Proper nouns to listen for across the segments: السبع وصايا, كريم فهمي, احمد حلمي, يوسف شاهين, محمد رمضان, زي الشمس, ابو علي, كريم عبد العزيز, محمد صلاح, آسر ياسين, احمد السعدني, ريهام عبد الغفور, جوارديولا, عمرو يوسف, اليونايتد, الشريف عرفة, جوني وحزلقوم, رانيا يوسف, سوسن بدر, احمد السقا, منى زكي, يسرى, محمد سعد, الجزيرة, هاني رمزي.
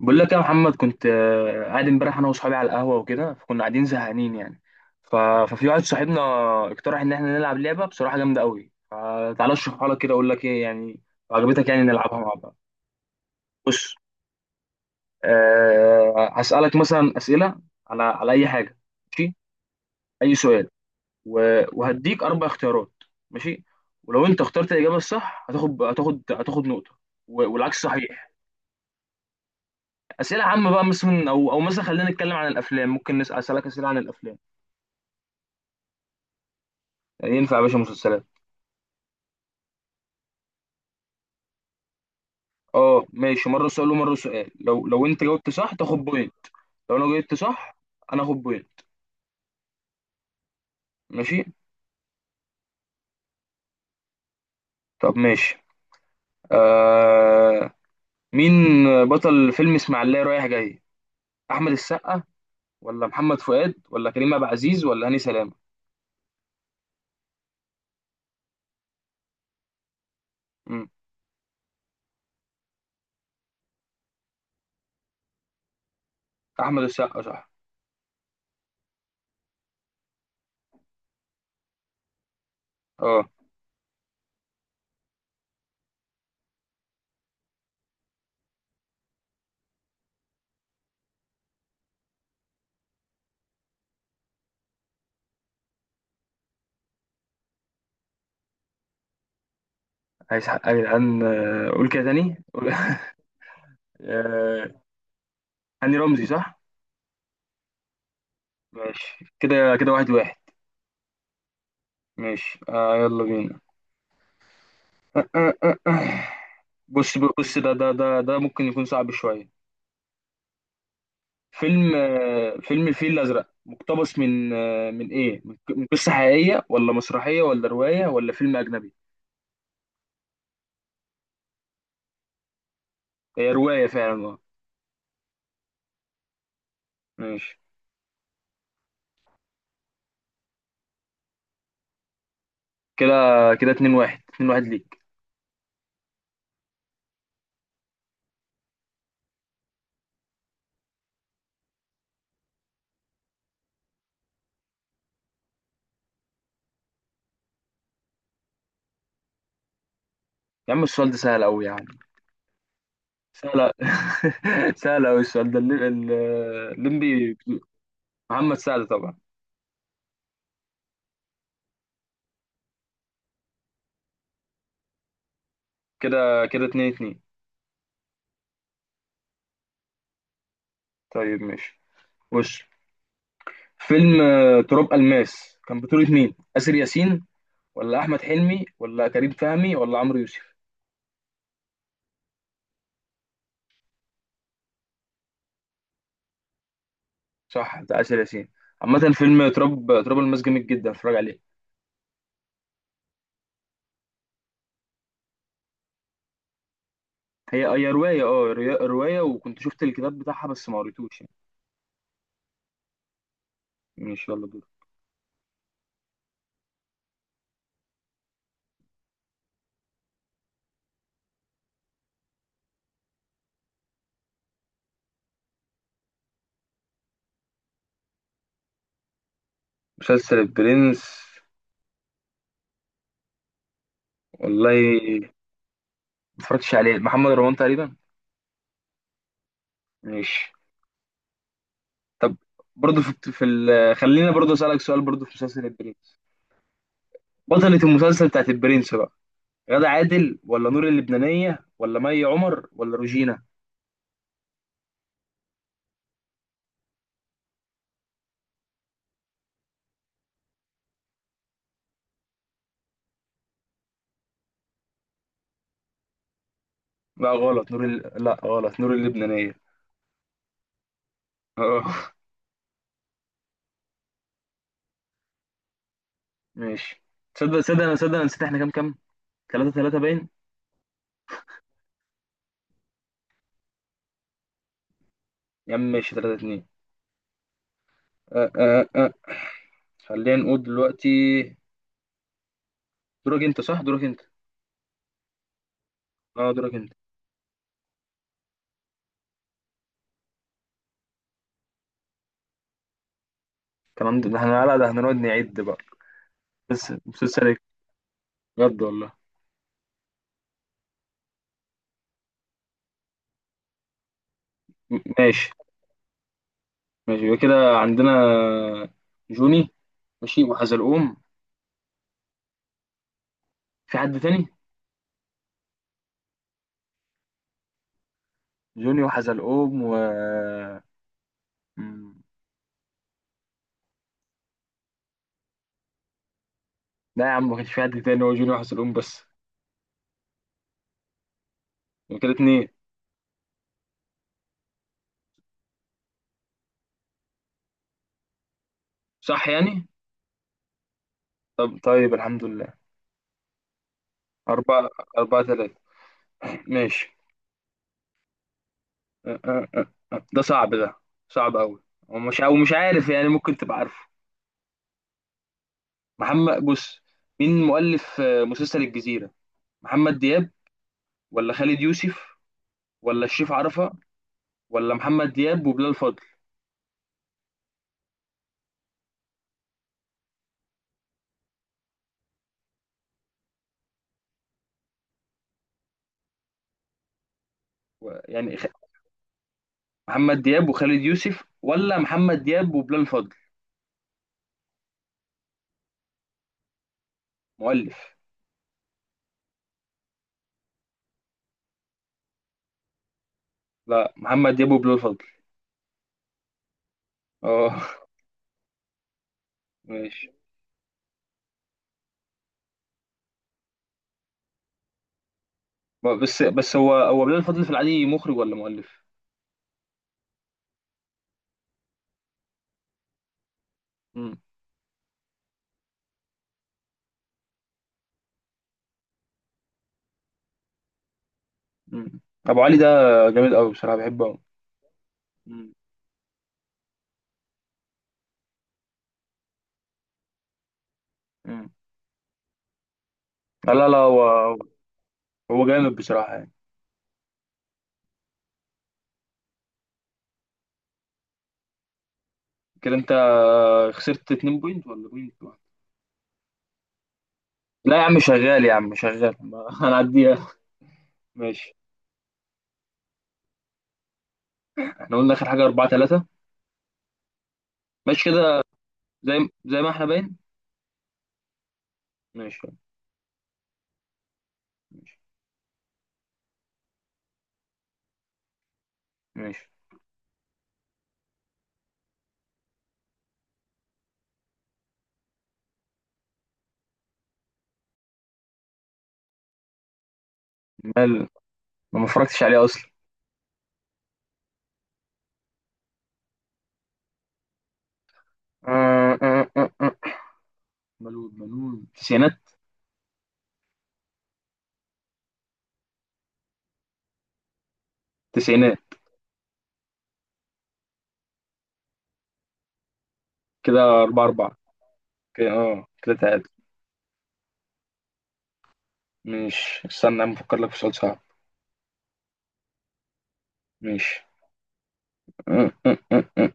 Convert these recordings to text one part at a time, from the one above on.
بقول لك يا محمد كنت قاعد امبارح انا واصحابي على القهوه وكده فكنا قاعدين زهقانين يعني ف... ففي واحد صاحبنا اقترح ان احنا نلعب لعبه بصراحه جامده قوي. تعالى اشرحها لك كده اقول لك ايه يعني، لو عجبتك يعني نلعبها مع بعض. بص، هسالك مثلا اسئله على اي حاجه، ماشي؟ اي سؤال، وهديك اربع اختيارات، ماشي. ولو انت اخترت الاجابه الصح هتاخد نقطه، والعكس صحيح. اسئله عامه بقى، مثلا او مثلا خلينا نتكلم عن الافلام، ممكن اسالك اسئله عن الافلام. ينفع يا باشا مسلسلات. اه ماشي، مره سؤال ومره سؤال. لو انت جاوبت صح تاخد بوينت، لو انا جاوبت صح انا اخد بوينت. ماشي. طب ماشي. آه. مين بطل فيلم اسماعيلية رايح جاي؟ احمد السقا، ولا محمد فؤاد، ولا كريم عبد العزيز، ولا هاني سلامه؟ مم. احمد السقا صح. اه، عايز حق يا جدعان. قول كده تاني قول. آه، هاني رمزي صح. ماشي كده كده، واحد واحد. ماشي آه، يلا بينا. بص بص، ده ممكن يكون صعب شويه. فيلم فيلم الفيل الازرق مقتبس من من قصه حقيقيه، ولا مسرحيه، ولا روايه، ولا فيلم اجنبي؟ هي روايه فعلا اه. ماشي كده كده 2 1، 2 1 ليك. يا عم السؤال ده سهل قوي يا عم. سهل. سهل قوي السؤال ده. الليمبي. محمد سعد طبعا. كده كده 2 2. طيب ماشي. بص، فيلم تراب الماس كان بطولة مين؟ آسر ياسين، ولا احمد حلمي، ولا كريم فهمي، ولا عمرو يوسف؟ صح، بتاع آسر ياسين. عامة فيلم تراب الماس جامد جدا، اتفرج عليه. هي رواية اه، رواية، وكنت شفت الكتاب بتاعها بس ما قريتوش يعني. ماشي يلا دور. مسلسل البرنس، والله ما اتفرجتش عليه، محمد رمضان تقريبا. ماشي. برضه خلينا برضه اسألك سؤال برضه في مسلسل البرنس. بطلة المسلسل بتاعت البرنس بقى، غادة عادل، ولا نور اللبنانية، ولا مي عمر، ولا روجينا؟ لا غلط نور اللبنانية. اه ماشي. تصدق تصدق انا تصدق انا نسيت احنا كام كام. 3 3 باين. يا عم ماشي 3 2. أه أه أه. خلينا نقول دلوقتي، دورك انت. اه دورك انت. تمام ده احنا، لا ده هنقعد نعد بقى. بس مسلسل ايه، بجد والله. ماشي. ماشي، يبقى كده عندنا جوني، ماشي، وحزلقوم. في حد تاني؟ جوني وحزلقوم و م- لا يا عم، ما كانش في حد تاني، هو جوني وحزلقوم بس. يبقى كده اتنين. صح يعني. طب طيب الحمد لله. أربعة. أربعة تلاتة. ماشي. أه، أه، أه، أه. ده صعب ده، صعب أوي. ومش أو مش عارف يعني، ممكن تبقى عارفه. محمد بص، مين مؤلف مسلسل الجزيرة؟ محمد دياب، ولا خالد يوسف، ولا الشريف عرفة، ولا محمد دياب وبلال فضل؟ و- يعني خ- محمد دياب وخالد يوسف، ولا محمد دياب وبلال فضل؟ مؤلف. لا محمد دياب وبلال فضل. اه. ماشي. بس هو بلال فضل في العادي مخرج ولا مؤلف؟ مم. ابو علي ده جامد قوي بصراحه، بحبه قوي. مم. مم. لا لا لا هو، هو جامد بصراحه يعني. كده انت خسرت 2 بوينت ولا بوينت واحد؟ لا يا عم شغال، يا عم شغال هنعديها. ماشي. احنا قلنا اخر حاجه 4 3. ماشي كده، زي زي ما احنا باين. ماشي. ماشي. ماشي. مال، ما اتفرجتش عليه اصلا. آه، آه، آه، آه. ملول تسعينات. تسعينات. كده 4 4. كده اه كده تعادل. ماشي، استنى يا عم افكر لك في سؤال صعب. ماشي.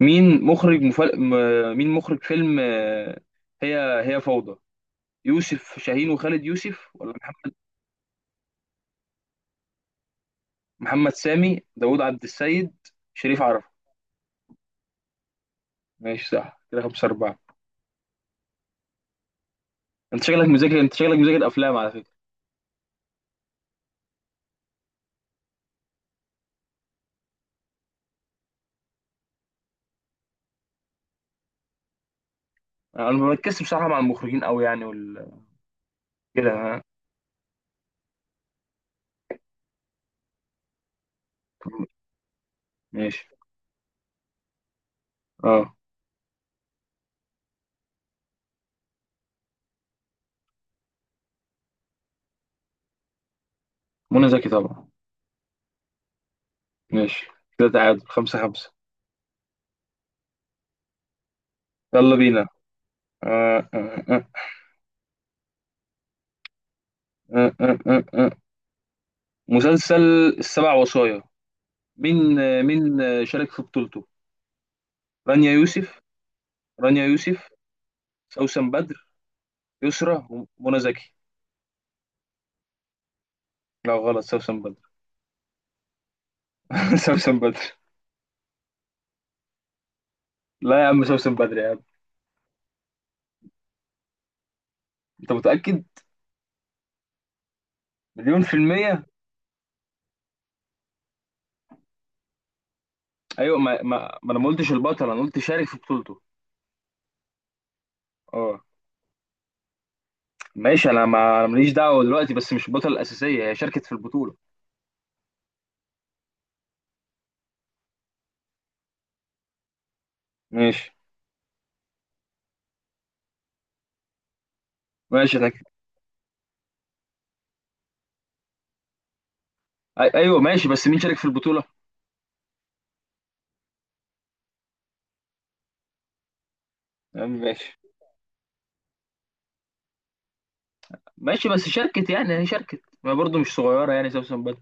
مين مخرج فيلم هي هي فوضى؟ يوسف شاهين وخالد يوسف، ولا محمد، محمد سامي، داوود عبد السيد، شريف عرفة؟ ماشي صح. كده خمسة أربعة. أنت شكلك مذاكر، أفلام على فكرة. أنا ما بركزش بصراحة مع المخرجين أوي يعني كده ها. ماشي. أه. منى زكي طبعا. ماشي. كده تعادل خمسة خمسة. يلا بينا. آه آه آه آه آه آه. آه. مسلسل السبع وصايا، مين، مين شارك في بطولته؟ رانيا يوسف، رانيا يوسف سوسن بدر، يسرى، ومنى زكي. لا غلط، سوسن بدر. سوسن بدر. لا يا عم سوسن بدر يا عم. انت متأكد؟ مليون في المية. ايوه، ما ما, ما انا ما قلتش البطل، انا قلت شارك في بطولته. اه ماشي. انا ما أنا ماليش دعوة دلوقتي، بس مش البطلة الأساسية، هي شاركت في البطولة. ماشي. ماشي انا ايوه ماشي، بس مين شارك في البطولة؟ يا عم ماشي. ماشي، بس شاركت يعني، هي شاركت، ما برضه مش صغيرة يعني سوسن بدر.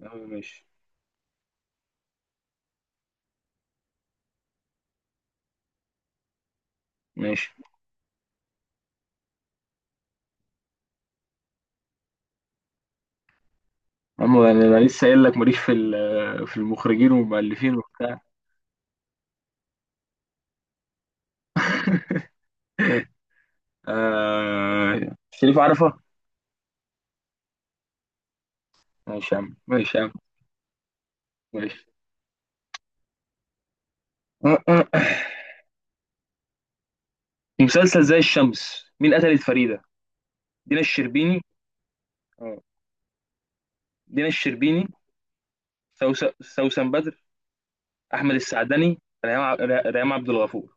يا عم ماشي. ماشي. عم أنا لسه قايل لك ماليش في في المخرجين والمؤلفين وبتاع. شريف عرفة. ماشي يا عم، ماشي يا عم. ماشي. في مسلسل زي الشمس، مين قتلت فريدة؟ دينا الشربيني. اه، دينا الشربيني، سوسن بدر، احمد السعدني، ريهام عبد الغفور.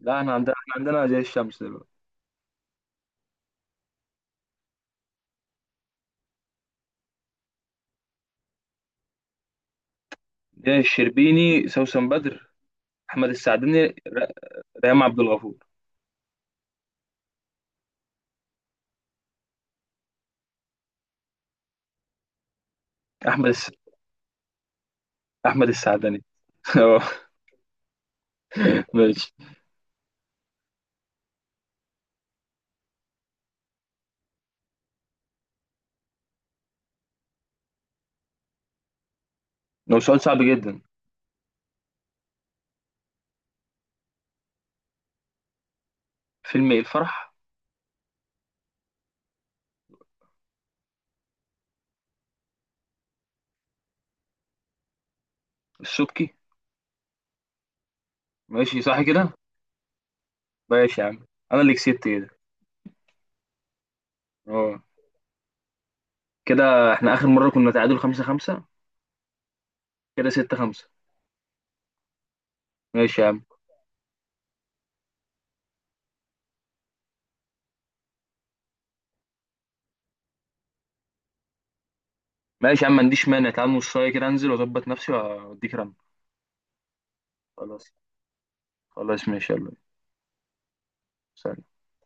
لا احنا عندنا، زي الشمس دلوقتي. دينا الشربيني، سوسن بدر، احمد السعدني، ريهام عبد الغفور. احمد الس... احمد السعدني. اه. ماشي. لو سؤال صعب جدا. فيلم ايه الفرح. الشبكي. ماشي صح كده. ماشي يا عم، انا اللي كسبت كده. اه كده. احنا اخر مره كنا تعادل خمسة خمسة، كده ستة خمسة. ماشي يا عم. ماشي يا عم، ما عنديش مانع، تعال نص ساعه كده انزل واظبط نفسي واديك رن. خلاص. خلاص ماشي يلا. سلام.